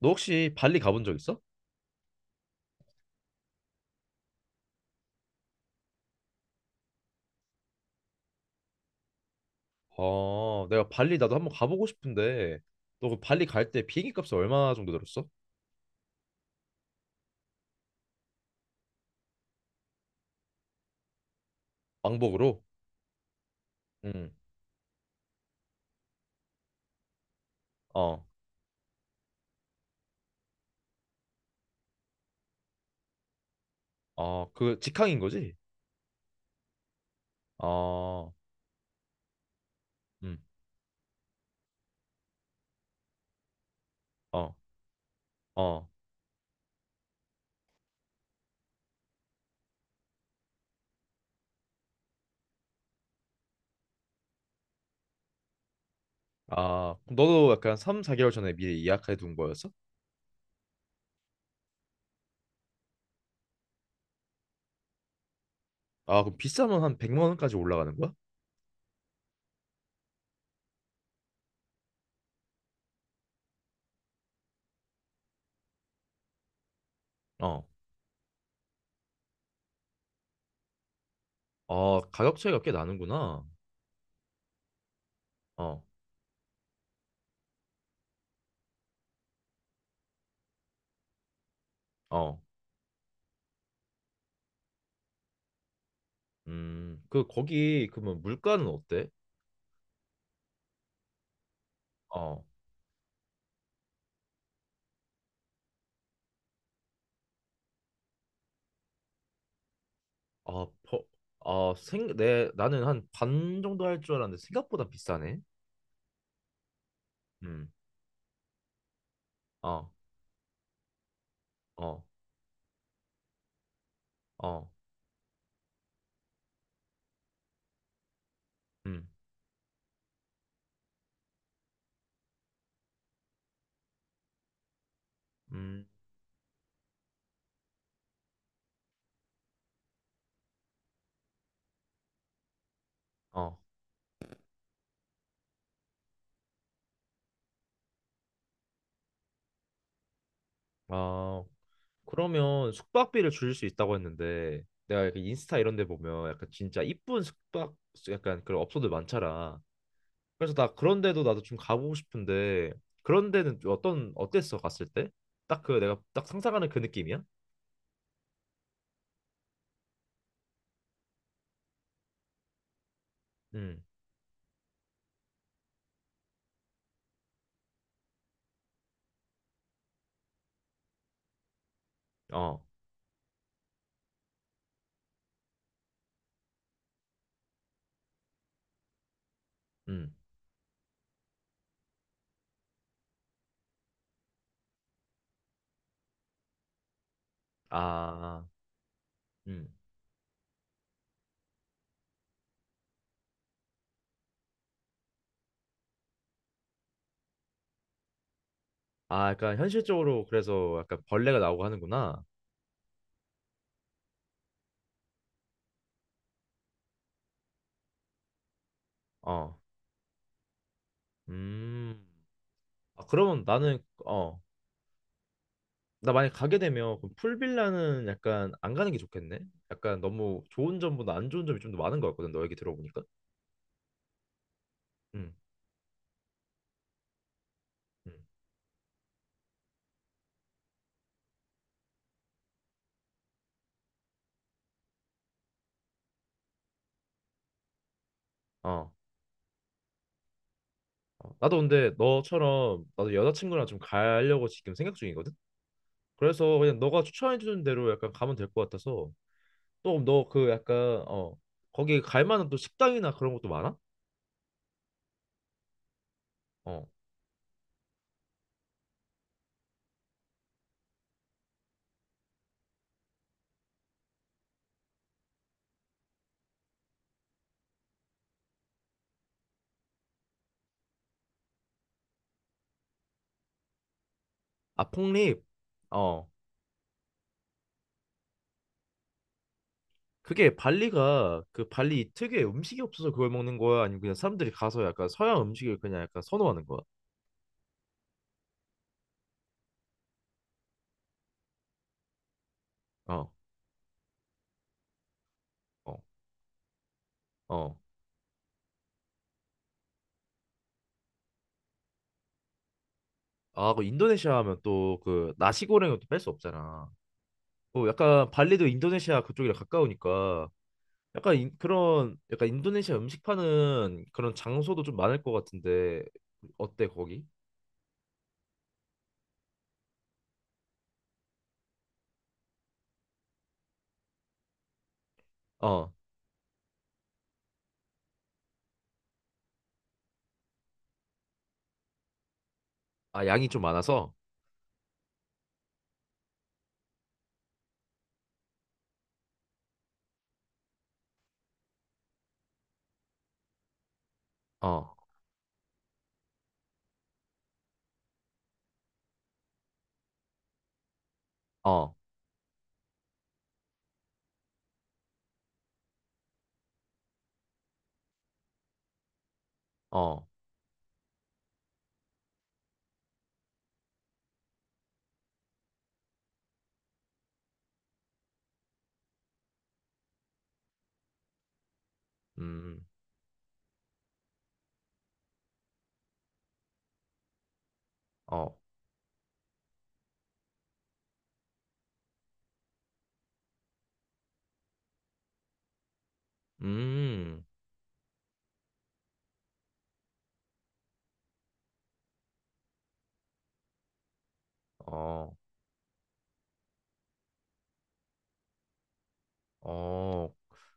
너 혹시 발리 가본 적 있어? 아, 내가 발리 나도 한번 가보고 싶은데 너 그 발리 갈 때 비행기 값이 얼마 정도 들었어? 왕복으로? 응. 어. 어, 그 직항인 거지? 아, 음. 어. 어. 아, 그럼 너도 약간 3, 4개월 전에 미리 예약해 둔 거였어? 아, 그럼 비싸면 한 100만 원까지 올라가는 거야? 어. 어, 가격 차이가 꽤 나는구나. 어. 어. 음. 그 거기 그러면 물가는 어때? 어. 아, 아, 나는 한 반 정도 할 줄 알았는데 생각보다 비싸네. 음, 어, 어, 어, 음, 음, 어, 아, 그러면 숙박비를 줄일 수 있다고 했는데 내가 이렇게 인스타 이런 데 보면 약간 진짜 이쁜 숙박 약간 그런 업소들 많잖아. 그래서 나 그런 데도 나도 좀 가보고 싶은데 그런 데는 좀 어떤 어땠어 갔을 때? 딱 그 내가 딱 상상하는 그 느낌이야? 음, 어, 음, 아, 음, 아, 약간 현실적으로 그래서 약간 벌레가 나오고 하는구나. 어. 음. 아, 그러면 나는 어. 나 만약 가게 되면 그럼 풀빌라는 약간 안 가는 게 좋겠네. 약간 너무 좋은 점보다 안 좋은 점이 좀 더 많은 것 같거든. 너 얘기 들어보니까. 음. 음. 어. 어. 나도 근데 너처럼 나도 여자친구랑 좀 가려고 지금 생각 중이거든. 그래서 그냥 너가 추천해 주는 대로 약간 가면 될 것 같아서 또 너 그 약간 어 거기 갈 만한 또 식당이나 그런 것도 많아? 어. 아, 폭립. 어. 그게 발리가 그 발리 특유의 음식이 없어서 그걸 먹는 거야? 아니면 그냥 사람들이 가서 약간 서양 음식을 그냥 약간 선호하는 거야? 어, 어, 어. 아, 그 인도네시아 하면 또 그 나시고랭을 또 뺄 수 없잖아. 어, 약간 발리도 인도네시아 그쪽이랑 가까우니까 약간 그런 약간 인도네시아 음식 파는 그런 장소도 좀 많을 것 같은데 어때 거기? 어, 아 양이 좀 많아서? 어, 어, 어, 음, 어, 음, 어. 어,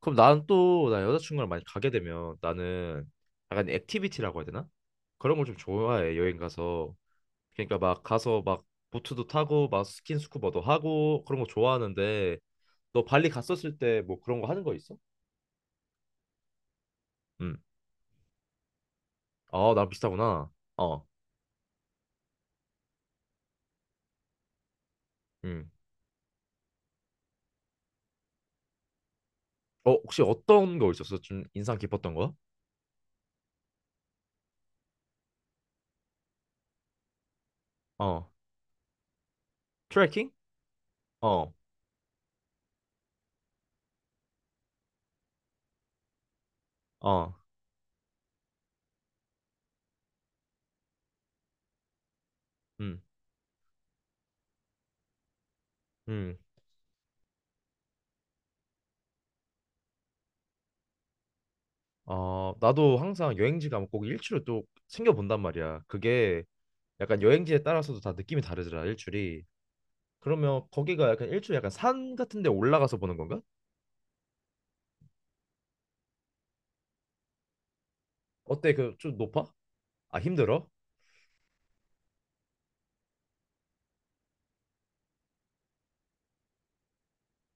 그럼 나는 또, 나 여자친구랑 많이 가게 되면 나는 약간 액티비티라고 해야 되나? 그런 걸 좀 좋아해, 여행 가서. 그러니까 막 가서 막 보트도 타고 막 스킨스쿠버도 하고 그런 거 좋아하는데 너 발리 갔었을 때 뭐 그런 거 하는 거 있어? 응. 아, 나랑 비슷하구나. 어, 응. 어, 혹시 어떤 거 있었어? 좀 인상 깊었던 거? 어, 트레킹? 어, 어, 응, 응. 어, 나도 항상 여행지 가면 꼭 일주를 또 챙겨본단 말이야. 그게 약간 여행지에 따라서도 다 느낌이 다르더라 일출이 그러면 거기가 약간 일출 약간 산 같은 데 올라가서 보는 건가? 어때 그 좀 높아? 아 힘들어?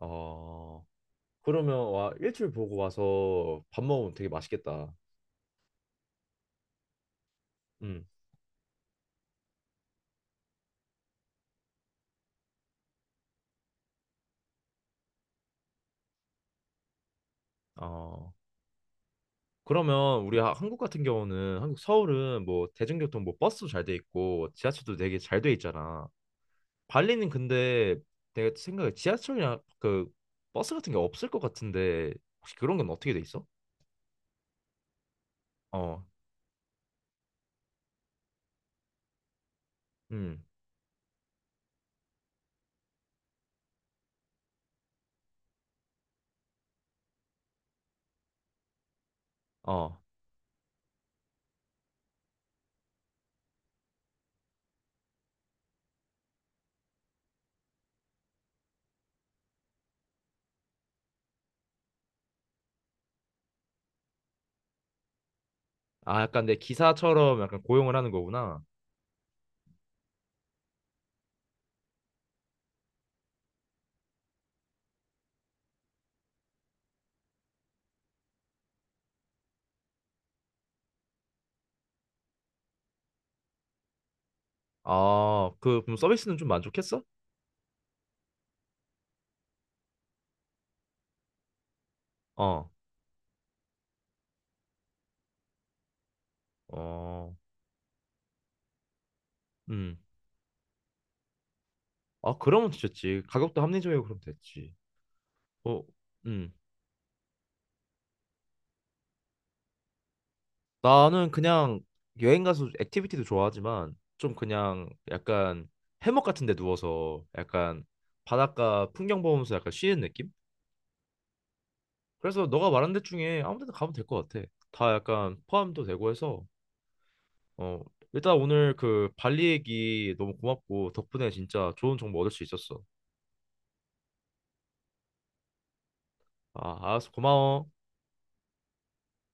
어 그러면 와 일출 보고 와서 밥 먹으면 되게 맛있겠다 음어 그러면 우리 한국 같은 경우는 한국 서울은 뭐 대중교통 뭐 버스도 잘 돼 있고 지하철도 되게 잘 돼 있잖아 발리는 근데 내가 생각에 지하철이나 그 버스 같은 게 없을 것 같은데 혹시 그런 건 어떻게 돼 있어? 어 음. 어. 아, 약간 내 기사처럼 약간 고용을 하는 거구나. 아, 그럼 서비스는 좀 만족했어? 어, 어, 음. 아, 그러면 됐지. 가격도 합리적이고 그럼 됐지. 어, 음. 나는 그냥 여행 가서 액티비티도 좋아하지만 좀 그냥 약간 해먹 같은 데 누워서 약간 바닷가 풍경 보면서 약간 쉬는 느낌? 그래서 너가 말한 데 중에 아무 데나 가면 될 것 같아. 다 약간 포함도 되고 해서 어, 일단 오늘 그 발리 얘기 너무 고맙고 덕분에 진짜 좋은 정보 얻을 수 있었어. 아, 알았어. 고마워.